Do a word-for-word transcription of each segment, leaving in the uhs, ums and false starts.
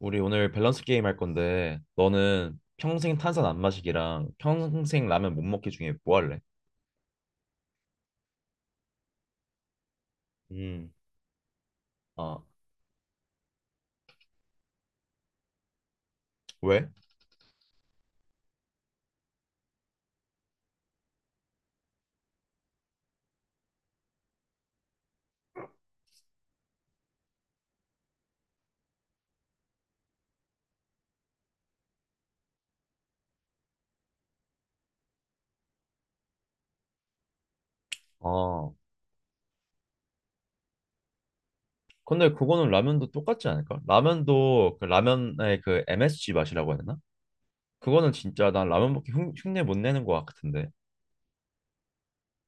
우리 오늘 밸런스 게임 할 건데 너는 평생 탄산 안 마시기랑 평생 라면 못 먹기 중에 뭐 할래? 음, 아 왜? 아 근데 그거는 라면도 똑같지 않을까? 라면도 그 라면의 그 엠에스지 맛이라고 해야 되나? 그거는 진짜 난 라면 먹기 흉, 흉내 못 내는 것 같은데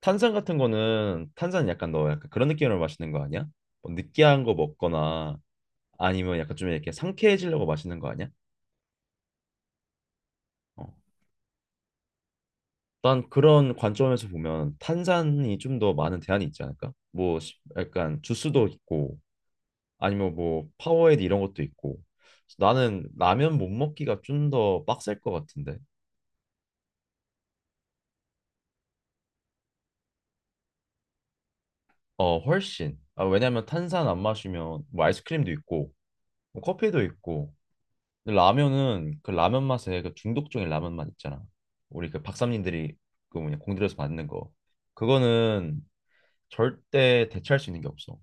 탄산 같은 거는 탄산 약간 너 약간 그런 느낌으로 마시는 거 아니야? 뭐 느끼한 거 먹거나 아니면 약간 좀 이렇게 상쾌해지려고 마시는 거 아니야? 어. 난 그런 관점에서 보면 탄산이 좀 더 많은 대안이 있지 않을까? 뭐 시- 약간 주스도 있고 아니면 뭐 파워에이드 이런 것도 있고 나는 라면 못 먹기가 좀 더 빡셀 것 같은데 어 훨씬 아, 왜냐면 탄산 안 마시면 뭐 아이스크림도 있고 뭐 커피도 있고 근데 라면은 그 라면 맛에 그 중독적인 라면 맛 있잖아. 우리 그 박사님들이 그 뭐냐 공들여서 만든 거 그거는 절대 대체할 수 있는 게 없어.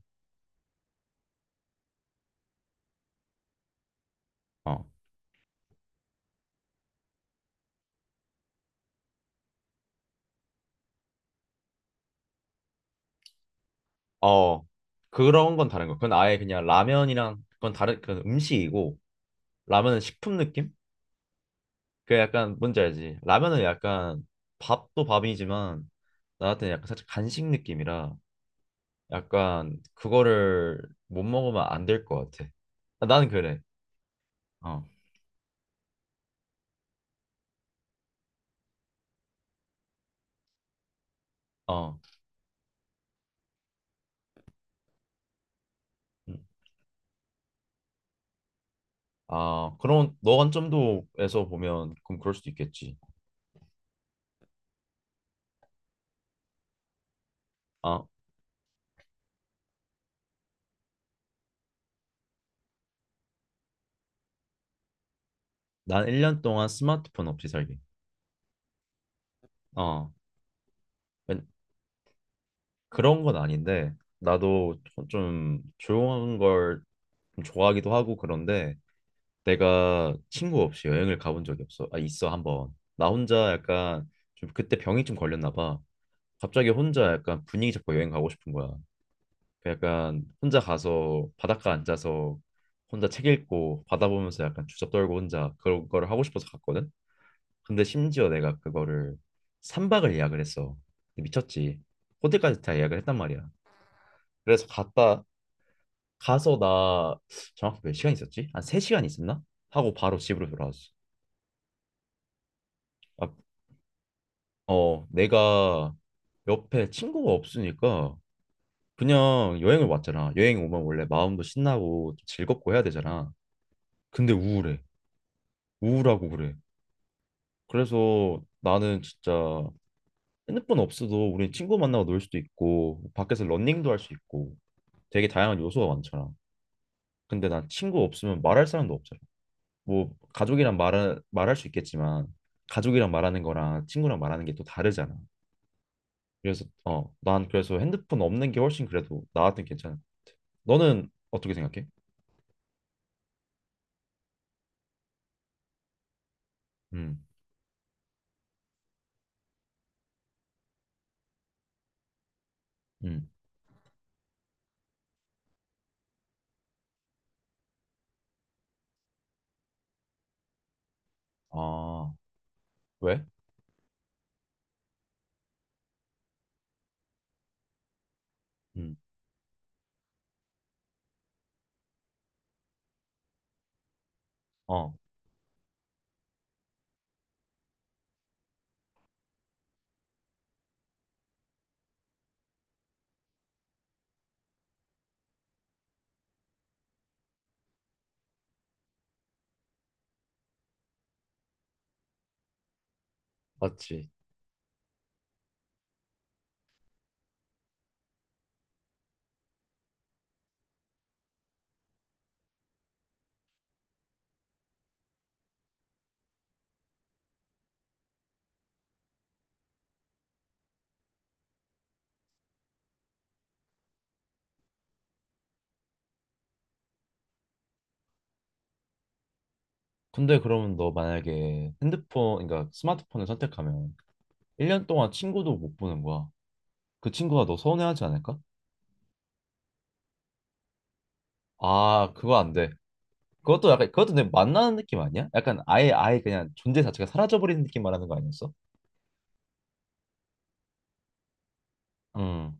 어. 어, 그런 건 다른 거. 그건 아예 그냥 라면이랑 그건 다른 그건 음식이고 라면은 식품 느낌? 그 약간 뭔지 알지? 라면은 약간 밥도 밥이지만 나한테는 약간 살짝 간식 느낌이라 약간 그거를 못 먹으면 안 될 것 같아. 아, 나는 그래. 어, 어. 음. 아, 그럼 너 관점도에서 보면 그럼 그럴 수도 있겠지. 아, 난 일 년 동안 스마트폰 없이 살기. 어. 그런 건 아닌데 나도 좀 조용한 걸좀 좋아하기도 하고 그런데 내가 친구 없이 여행을 가본 적이 없어. 아 있어 한번. 나 혼자 약간 좀 그때 병이 좀 걸렸나 봐. 갑자기 혼자 약간 분위기 잡고 여행 가고 싶은 거야. 그 약간 혼자 가서 바닷가 앉아서 혼자 책 읽고 바다 보면서 약간 주접 떨고 혼자 그런 거를 하고 싶어서 갔거든. 근데 심지어 내가 그거를 삼 박을 예약을 했어. 미쳤지. 호텔까지 다 예약을 했단 말이야. 그래서 갔다 가서 나 정확히 몇 시간 있었지? 한 세 시간 있었나? 하고 바로 집으로 돌아왔어. 아, 어, 내가 옆에 친구가 없으니까 그냥 여행을 왔잖아. 여행 오면 원래 마음도 신나고 좀 즐겁고 해야 되잖아. 근데 우울해. 우울하고 그래. 그래서 나는 진짜 핸드폰 없어도 우리 친구 만나고 놀 수도 있고 밖에서 러닝도 할 수 있고 되게 다양한 요소가 많잖아. 근데 난 친구 없으면 말할 사람도 없잖아. 뭐 가족이랑 말하, 말할 수 있겠지만 가족이랑 말하는 거랑 친구랑 말하는 게 또 다르잖아. 그래서 어, 난 그래서 핸드폰 없는 게 훨씬 그래도 나한테 괜찮아. 너는 어떻게 생각해? 음, 음. 아, 왜? 음, 어, 맞지. 근데 그러면 너 만약에 핸드폰, 그러니까 스마트폰을 선택하면 일 년 동안 친구도 못 보는 거야. 그 친구가 너 서운해하지 않을까? 아, 그거 안 돼. 그것도 약간 그것도 내 만나는 느낌 아니야? 약간 아예 아예 그냥 존재 자체가 사라져버리는 느낌 말하는 거 아니었어? 음,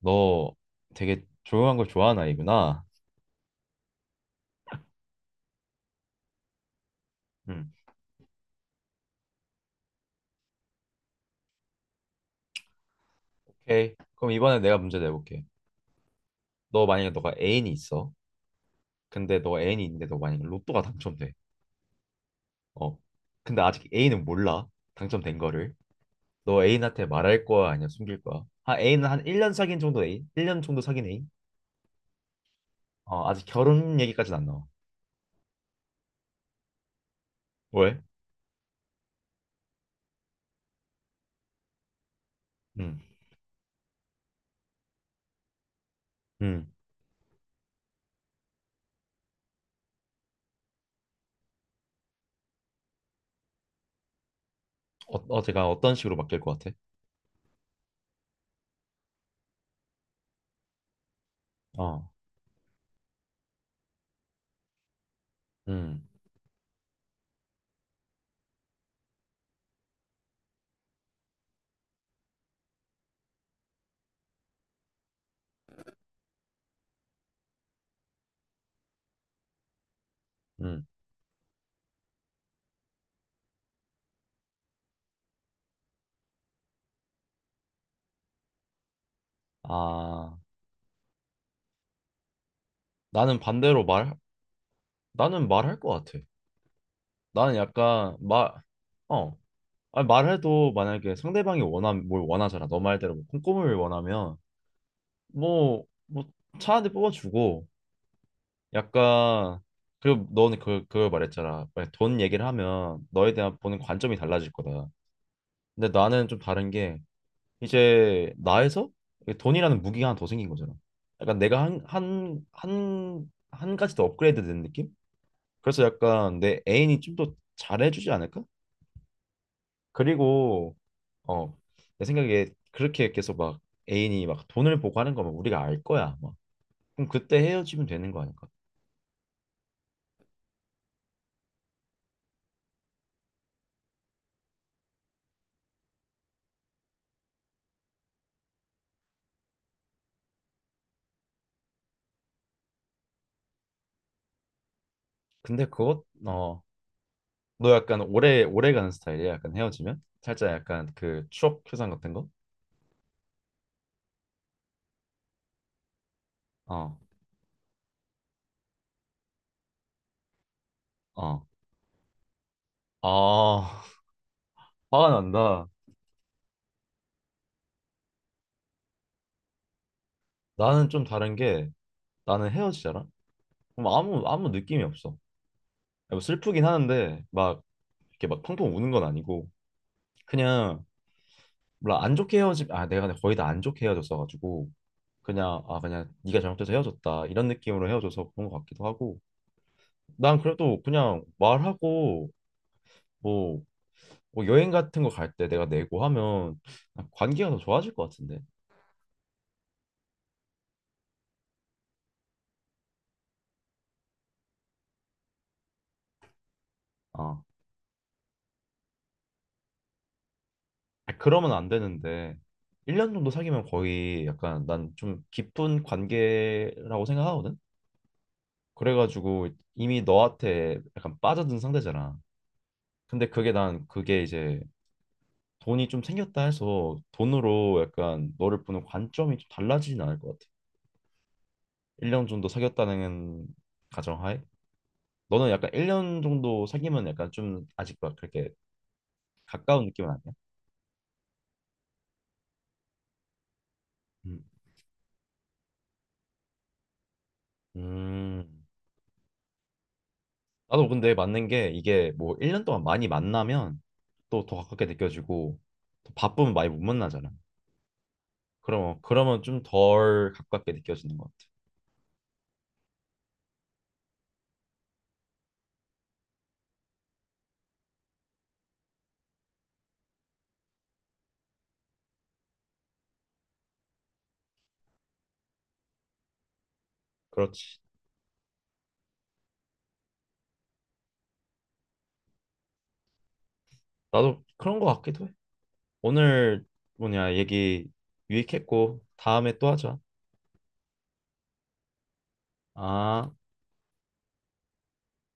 너 되게 조용한 걸 좋아하는 아이구나. 음, 오케이. 그럼 이번에 내가 문제 내볼게. 너 만약에 너가 애인이 있어. 근데 너가 애인이 있는데 너 만약에 로또가 당첨돼. 어. 근데 아직 애인은 몰라. 당첨된 거를. 너 애인한테 말할 거야? 아니면 숨길 거야? 한 애인은 한 일 년 사귄 정도 애인? 일 년 정도 사귄 애인? 어, 아직 결혼 얘기까지는 안 나와. 왜? 음, 음. 어, 어제가 어떤 식으로 바뀔 것 같아? 어, 음, 음. 아, 나는 반대로 말, 나는 말할 것 같아. 나는 약간 말, 어, 아니, 말해도 만약에 상대방이 원함, 뭘 원하잖아. 너 말대로 뭐 꼼꼼을 원하면 뭐, 뭐차 한 대 뽑아주고 약간 그리고 너는 그, 그걸 말했잖아. 만약에 돈 얘기를 하면 너에 대한 보는 관점이 달라질 거다. 근데 나는 좀 다른 게 이제 나에서 돈이라는 무기가 하나 더 생긴 거잖아. 약간 내가 한, 한, 한, 한 가지 더 업그레이드 된 느낌? 그래서 약간 내 애인이 좀 더 잘해주지 않을까? 그리고 어, 내 생각에 그렇게 계속 막 애인이 막 돈을 보고 하는 거면 우리가 알 거야. 막. 그럼 그때 헤어지면 되는 거 아닐까? 근데 그것 어, 너 약간 오래 오래 가는 스타일이야. 약간 헤어지면 살짝 약간 그 추억 회상 같은 거? 어, 어. 아, 화가 난다. 나는 좀 다른 게 나는 헤어지잖아. 그럼 아무 아무 느낌이 없어. 뭐 슬프긴 하는데 막 이렇게 막 펑펑 우는 건 아니고 그냥 몰라 안 좋게 헤어지 아 내가 근데 거의 다 안 좋게 헤어졌어가지고 그냥 아 그냥 네가 잘못해서 헤어졌다 이런 느낌으로 헤어져서 그런 것 같기도 하고 난 그래도 그냥 말하고 뭐, 뭐 여행 같은 거 갈 때 내가 내고 하면 아, 관계가 더 좋아질 것 같은데 아 아, 그러면 안 되는데 일 년 정도 사귀면 거의 약간 난 좀 깊은 관계라고 생각하거든 그래가지고 이미 너한테 약간 빠져든 상태잖아 근데 그게 난 그게 이제 돈이 좀 생겼다 해서 돈으로 약간 너를 보는 관점이 좀 달라지진 않을 것 같아. 일 년 정도 사귀었다는 가정하에 너는 약간 일 년 정도 사귀면 약간 좀 아직 막 그렇게 가까운 느낌은 아니야? 음. 음. 나도 근데 맞는 게 이게 뭐 일 년 동안 많이 만나면 또 더 가깝게 느껴지고 또 바쁘면 많이 못 만나잖아. 그럼 그러면 좀 덜 가깝게 느껴지는 것 같아. 그렇지. 나도 그런 것 같기도 해. 오늘 뭐냐 얘기 유익했고 다음에 또 하자. 아.